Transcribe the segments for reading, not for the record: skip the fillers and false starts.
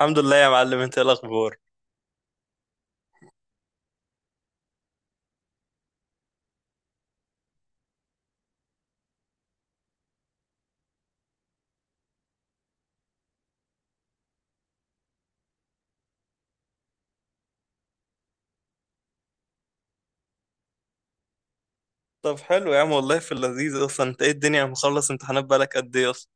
الحمد لله يا معلم. انت ايه الاخبار؟ طب حلو يا عم والله في اللذيذ اصلا. انت ايه الدنيا؟ مخلص امتحانات بقالك قد ايه اصلا؟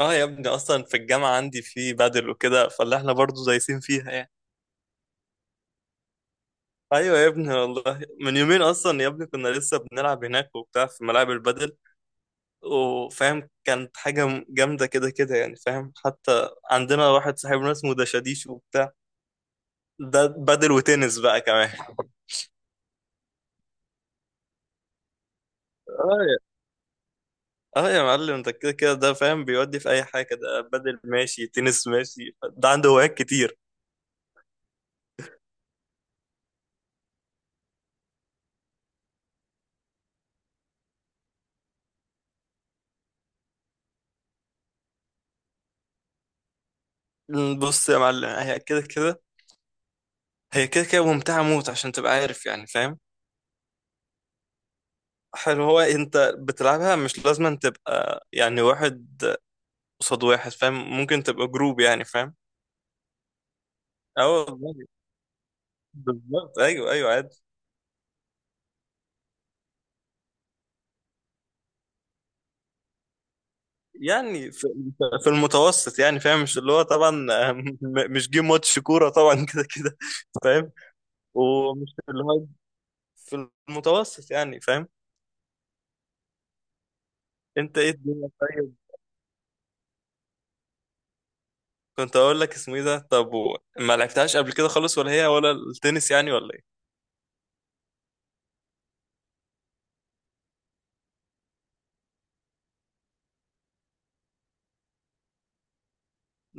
اه يا ابني اصلا في الجامعه عندي في بدل وكده، فاللي احنا برضو دايسين فيها يعني. ايوه يا ابني والله، من يومين اصلا يا ابني كنا لسه بنلعب هناك وبتاع في ملاعب البدل وفاهم، كانت حاجه جامده كده كده يعني فاهم. حتى عندنا واحد صاحبنا اسمه دشاديش وبتاع، ده بدل وتنس بقى كمان. اه يا معلم، انت كده كده ده فاهم، بيودي في اي حاجه. ده بدل ماشي، تنس ماشي، ده عنده هوايات كتير. بص يا معلم، هي كده كده ممتعه موت عشان تبقى عارف يعني فاهم. حلو، هو انت بتلعبها مش لازم أن تبقى يعني واحد قصاد واحد فاهم، ممكن تبقى جروب يعني فاهم. اه والله بالظبط، ايوه ايوه عادي. يعني في المتوسط يعني فاهم، مش اللي هو طبعا مش جيم ماتش كوره طبعا كده كده فاهم. ومش اللي هو في المتوسط يعني فاهم. انت ايه الدنيا طيب؟ كنت اقول لك اسمه ايه ده، طب ما لعبتهاش قبل كده خالص؟ ولا هي ولا التنس يعني ولا ايه؟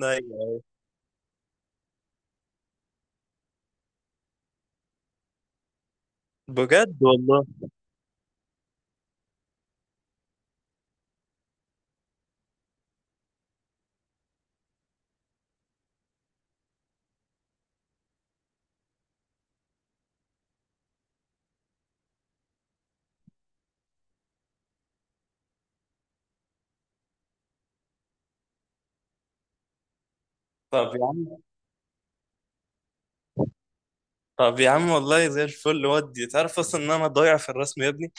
ايوه بجد والله. طب يا عم، طب يا عم والله زي الفل. ودي تعرف اصلا ان انا ضايع في الرسم يا ابني،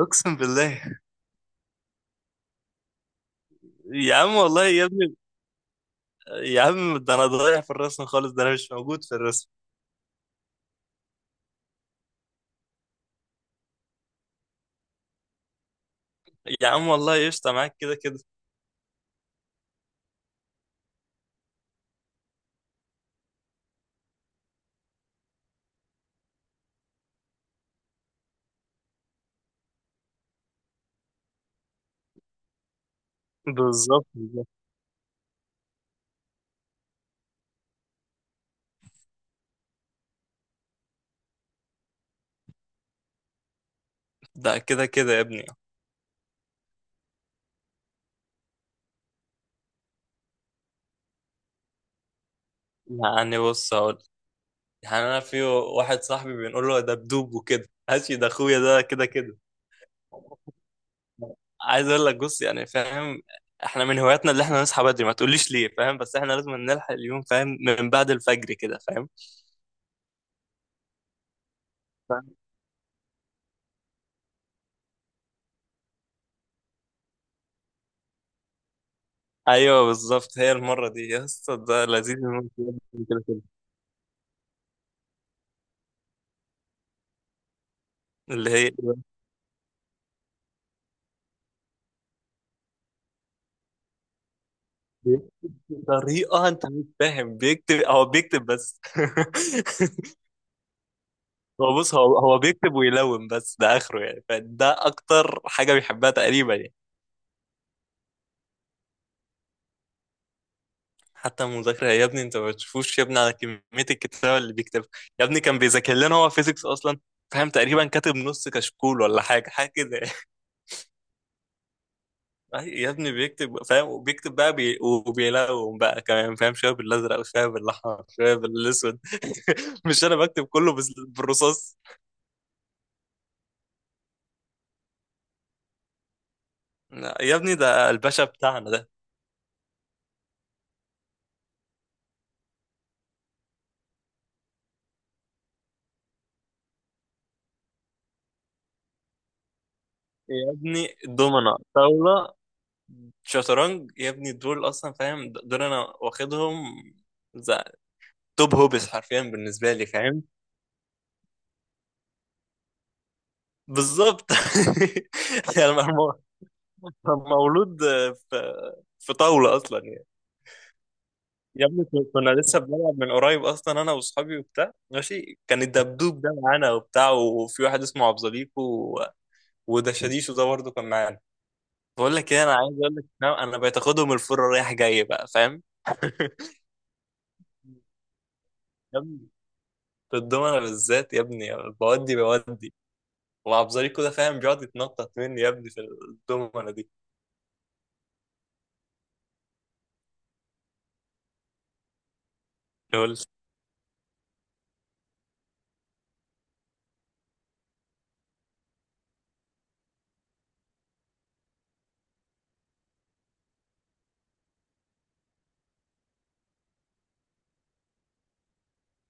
اقسم بالله. يا عم والله يا ابني، يا عم ده انا ضايع في الرسم خالص، ده انا مش موجود في الرسم. يا عم والله قشطه معاك كده كده. بالظبط بالظبط. ده كده كده يا ابني. يعني بص هقول، يعني انا في واحد صاحبي بنقول له ده بدوب وكده ماشي، ده اخويا ده كده كده. عايز اقول لك، بص يعني فاهم، احنا من هواياتنا اللي احنا نصحى بدري. ما تقوليش ليه فاهم، بس احنا لازم نلحق اليوم فاهم، من بعد الفجر كده فاهم. فاهم. ايوه بالظبط، هي المره دي يا اسطى ده لذيذ موت. كده كده اللي هي طريقه. انت مش فاهم، بيكتب، هو بيكتب بس هو بص، هو هو بيكتب ويلون بس، ده اخره يعني، فده اكتر حاجه بيحبها تقريبا يعني. حتى المذاكرة يا ابني، انت ما بتشوفوش يا ابني على كمية الكتابة اللي بيكتبها. يا ابني كان بيذاكر لنا هو فيزيكس اصلا فاهم، تقريبا كاتب نص كشكول ولا حاجة، حاجة كده يعني. يا ابني بيكتب فاهم، وبيكتب بقى بي... وبيلون بقى كمان فاهم، شوية بالازرق وشوية بالاحمر شوية بالاسود مش انا بكتب كله بالرصاص. لا، يا ابني ده الباشا بتاعنا ده. يا ابني دومنا، طاولة، شطرنج يا ابني، دول اصلا فاهم، دول انا واخدهم زي توب هوبس حرفيا بالنسبة لي فاهم. بالظبط يعني مولود في في طاولة أصلا يعني. يا ابني كنا لسه بنلعب من قريب أصلا أنا وأصحابي وبتاع ماشي، كان الدبدوب ده معانا وبتاع، وفي واحد اسمه عبد زليكو وده شاديشو ده برضه كان معانا. بقول لك إيه، أنا عايز أقول لك إن أنا بقيت آخدهم الفرة رايح جاي بقى فاهم يا ابني في الدومنة بالذات يا ابني، بودي. وعبد زليكو ده فاهم بيقعد يتنطط مني يا ابني في الدومنة دي.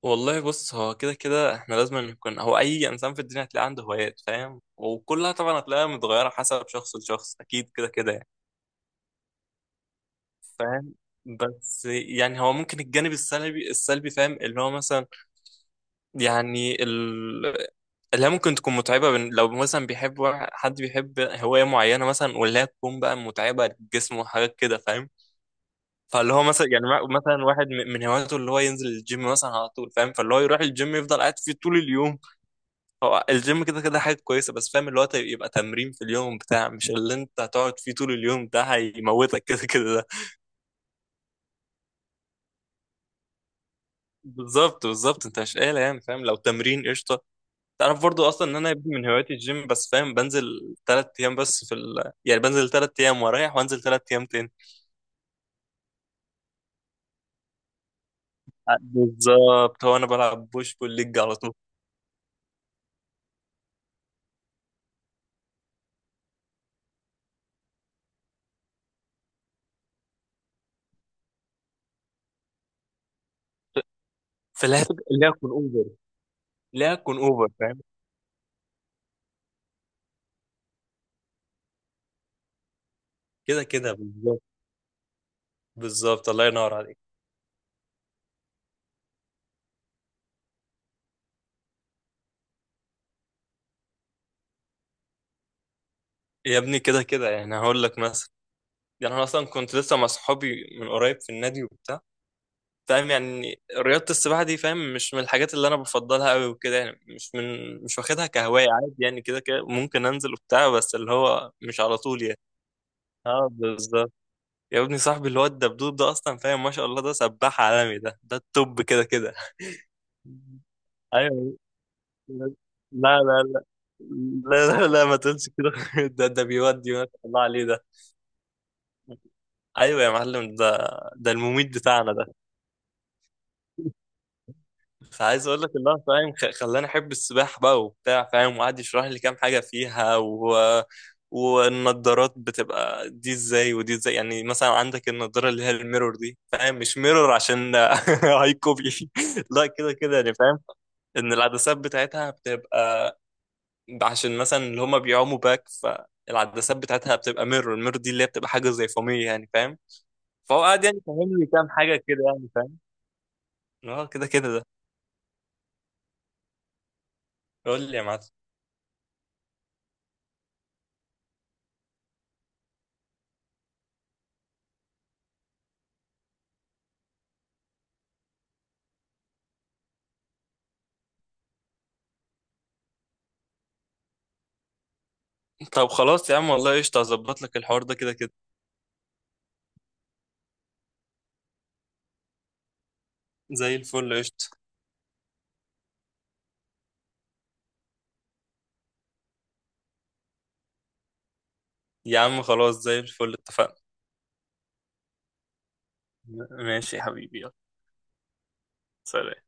والله بص، هو كده كده احنا لازم نكون، هو اي انسان في الدنيا هتلاقي عنده هوايات فاهم، وكلها طبعا هتلاقيها متغيره حسب شخص لشخص، اكيد كده كده يعني فاهم. بس يعني هو ممكن الجانب السلبي فاهم اللي هو مثلا، يعني ال... اللي هي ممكن تكون متعبه بن... لو مثلا بيحب حد بيحب هوايه معينه مثلا، واللي هي تكون بقى متعبه للجسم وحاجات كده فاهم. فاللي هو مثلا يعني، مثلا واحد من هواياته اللي هو ينزل الجيم مثلا على طول فاهم، فاللي هو يروح الجيم يفضل قاعد فيه طول اليوم. هو الجيم كده كده حاجة كويسة، بس فاهم اللي هو يبقى تمرين في اليوم بتاع مش اللي انت هتقعد فيه طول اليوم، ده هيموتك كده كده ده. بالظبط بالظبط، انت مش قايل يعني فاهم، لو تمرين قشطة. تعرف برضو اصلا ان انا يبدو من هواياتي الجيم، بس فاهم بنزل تلات ايام بس في ال... يعني بنزل تلات ايام واريح وانزل تلات ايام تاني. بالظبط، هو انا بلعب بوش بول ليج على طول. فلا، لا اكون اوفر، لا اكون اوفر فاهم. كده كده بالظبط، بالظبط الله ينور عليك. يا ابني كده كده يعني هقول لك مثلا، يعني انا اصلا كنت لسه مع صحابي من قريب في النادي وبتاع فاهم. يعني رياضة السباحة دي فاهم، مش من الحاجات اللي انا بفضلها قوي وكده يعني، مش من، مش واخدها كهواية. عادي يعني كده كده ممكن انزل وبتاع، بس اللي هو مش على طول يعني. اه بالظبط. يا ابني صاحبي اللي هو الدبدوب ده اصلا فاهم، ما شاء الله ده سباح عالمي، ده ده التوب كده كده. ايوه لا، لا لا، لا لا، لا ما تقولش كده ده ده بيودي ما شاء الله عليه ده. ايوه يا معلم، ده ده المميت بتاعنا ده. فعايز اقول لك الله فاهم، خلاني احب السباحه بقى وبتاع فاهم، وقعد يشرح لي كام حاجه فيها و... والنضارات بتبقى دي ازاي ودي ازاي. يعني مثلا عندك النضاره اللي هي الميرور دي فاهم، مش ميرور عشان هاي كوبي، لا كده كده يعني فاهم، ان العدسات بتاعتها بتبقى عشان مثلا اللي هما بيعوموا باك، فالعدسات بتاعتها بتبقى ميرور. الميرور دي اللي هي بتبقى حاجه زي فوميه يعني فاهم. فهو قاعد يعني فاهم لي كام حاجه كده يعني فاهم. اه كده كده ده. قول لي يا معلم. طب خلاص يا عم والله قشطة، هظبط لك الحوار ده كده كده. زي الفل قشطة. يا عم خلاص زي الفل، اتفقنا. ماشي يا حبيبي، يلا. سلام.